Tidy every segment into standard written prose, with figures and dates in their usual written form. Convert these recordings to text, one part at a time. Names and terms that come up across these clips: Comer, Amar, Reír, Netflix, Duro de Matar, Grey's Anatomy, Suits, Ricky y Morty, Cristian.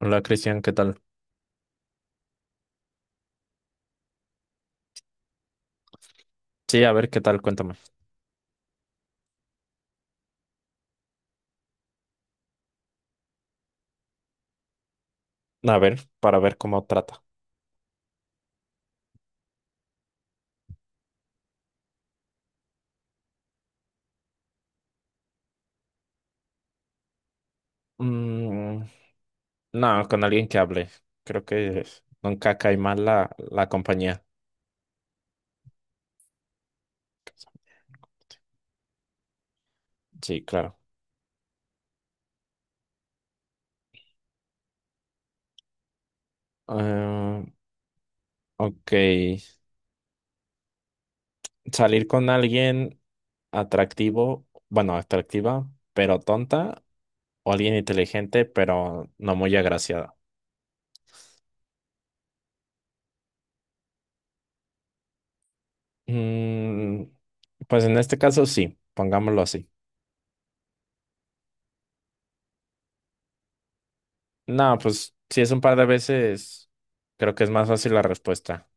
Hola Cristian, ¿qué tal? Sí, a ver, ¿qué tal? Cuéntame. A ver, para ver cómo trata. Mm, no, con alguien que hable. Creo que nunca cae mal la compañía. Sí, claro. Eh, ok. Salir con alguien atractivo, bueno, atractiva, pero tonta, o alguien inteligente, pero no muy agraciada. Mm, pues en este caso sí, pongámoslo así. No, pues si es un par de veces, creo que es más fácil la respuesta.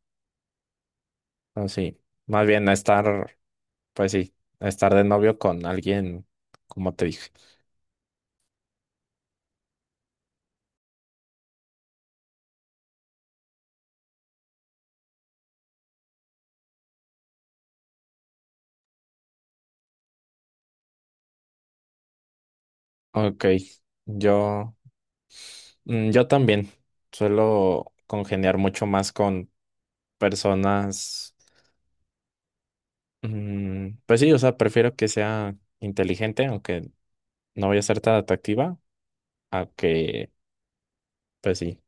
No, sí. Más bien a estar, pues sí, a estar de novio con alguien, como te dije. Ok, yo, yo también suelo congeniar mucho más con personas, pues sí, o sea, prefiero que sea inteligente, aunque no voy a ser tan atractiva, a que, pues sí,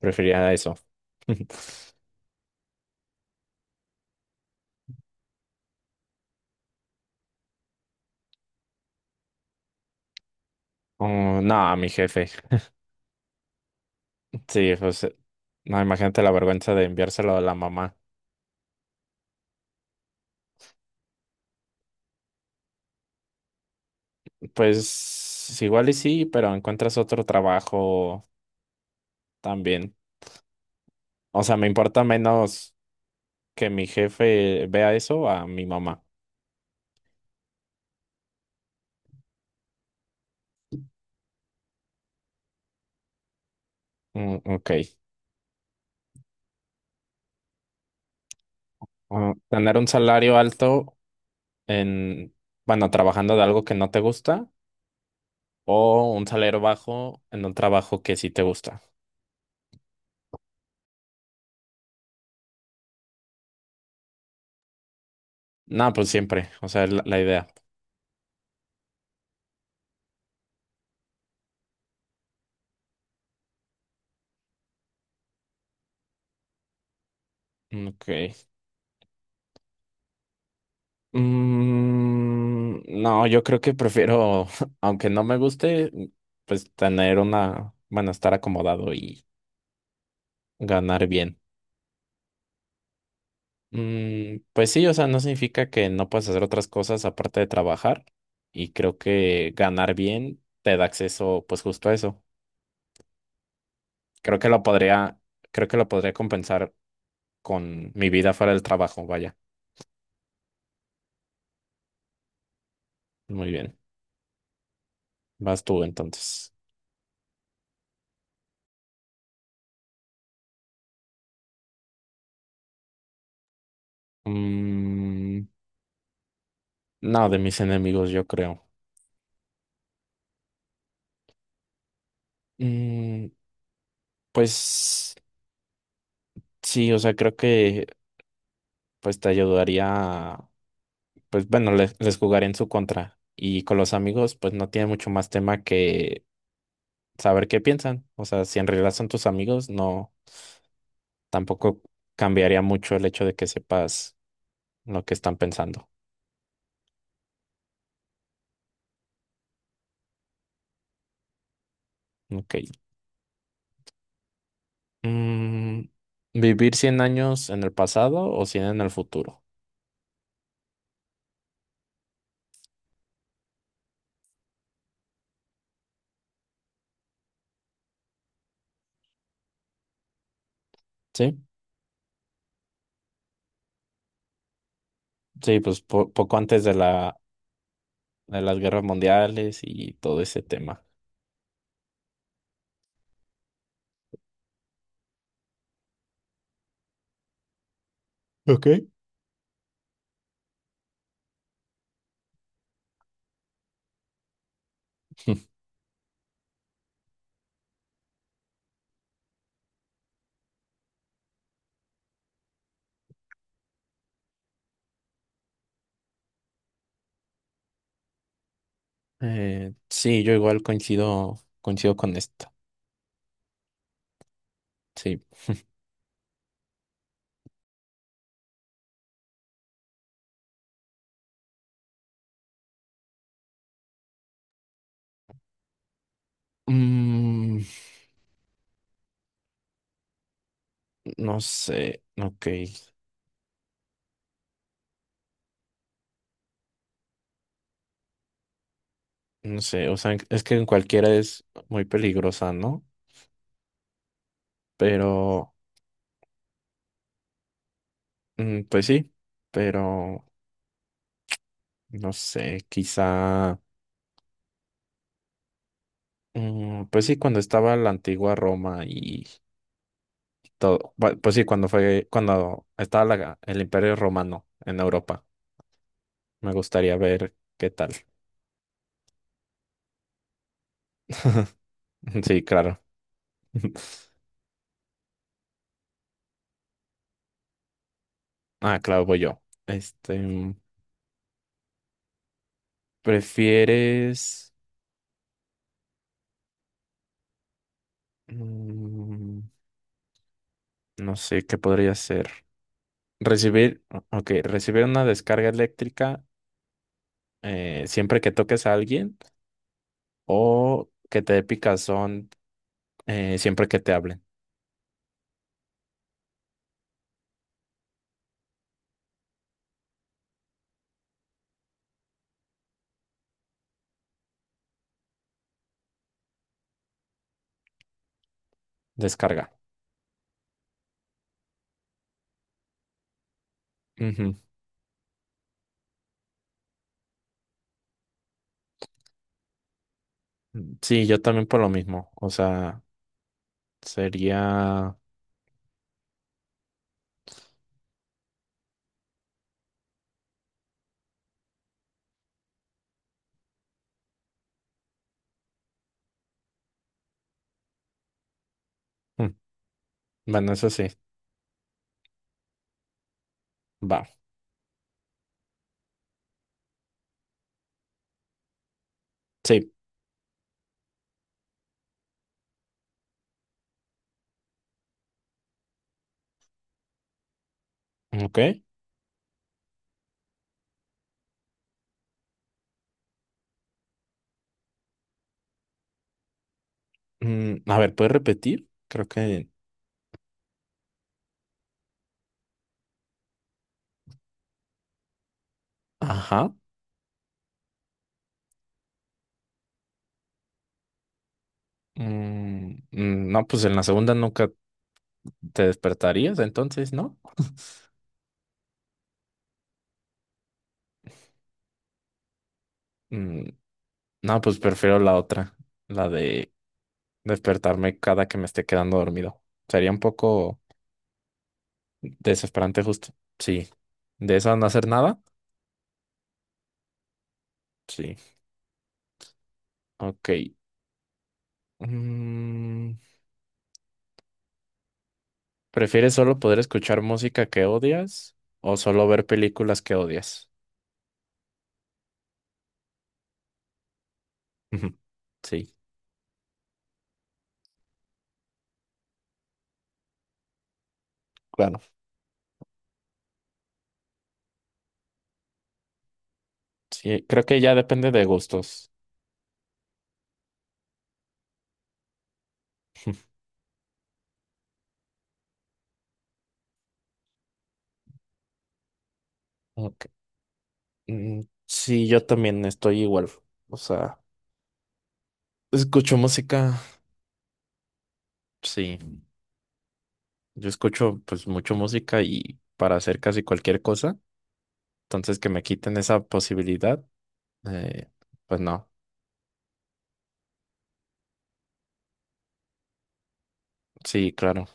preferiría eso. Oh, no, a mi jefe. Sí, pues, no, imagínate la vergüenza de enviárselo a la mamá. Pues igual y sí, pero encuentras otro trabajo también. O sea, me importa menos que mi jefe vea eso a mi mamá. Mm, ok. Ah, tener un salario alto en, bueno, trabajando de algo que no te gusta o un salario bajo en un trabajo que sí te gusta. No, pues siempre. O sea, la idea. Mm, ok. No, yo creo que prefiero, aunque no me guste, pues tener una, bueno, estar acomodado y ganar bien. Pues sí, o sea, no significa que no puedas hacer otras cosas aparte de trabajar. Y creo que ganar bien te da acceso, pues justo a eso. Creo que lo podría, Creo que lo podría compensar con mi vida fuera del trabajo. Vaya, muy bien. Vas tú entonces. Mm, no, de mis enemigos, yo creo. Mm, pues sí, o sea, creo que pues te ayudaría. Pues bueno, les jugaré en su contra. Y con los amigos, pues no tiene mucho más tema que saber qué piensan. O sea, si en realidad son tus amigos, no, tampoco cambiaría mucho el hecho de que sepas lo que están pensando. Ok. Mm, ¿Vivir cien años en el pasado o 100 en el futuro? Sí, sí, pues poco antes de la, de las guerras mundiales y todo ese tema. Okay. Sí, yo igual coincido con esto. Sí. Mm, No sé, ok, no sé, o sea, es que en cualquiera es muy peligrosa, ¿no? Pero, pues sí, pero, no sé, quizá, pues sí, cuando estaba la antigua Roma y todo, pues sí, cuando fue, cuando estaba el Imperio Romano en Europa, me gustaría ver qué tal. Sí, claro. Ah, claro, voy yo. ¿Prefieres, mm, no sé, qué podría ser? Recibir, ok, recibir una descarga eléctrica siempre que toques a alguien o que te dé picazón siempre que te hablen. Descarga. Ujú. Sí, yo también por lo mismo. O sea, sería... mm, Bueno, eso sí. Va. Sí. Ok. A ver, ¿puedes repetir? Creo que... Ajá. No, pues en la segunda nunca te despertarías, entonces, ¿no? Mm, no, pues prefiero la otra. La de despertarme cada que me esté quedando dormido. Sería un poco desesperante justo. Sí. ¿De eso no hacer nada? Sí. Ok. Mm, ¿Prefieres solo poder escuchar música que odias o solo ver películas que odias? Ujú. Sí. Claro. Sí, creo que ya depende de gustos. Ok. Sí, yo también estoy igual. O sea, escucho música. Sí, yo escucho pues mucho música y para hacer casi cualquier cosa. Entonces, que me quiten esa posibilidad, eh, pues no. Sí, claro.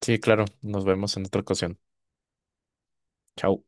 Sí, claro. Nos vemos en otra ocasión. Chao.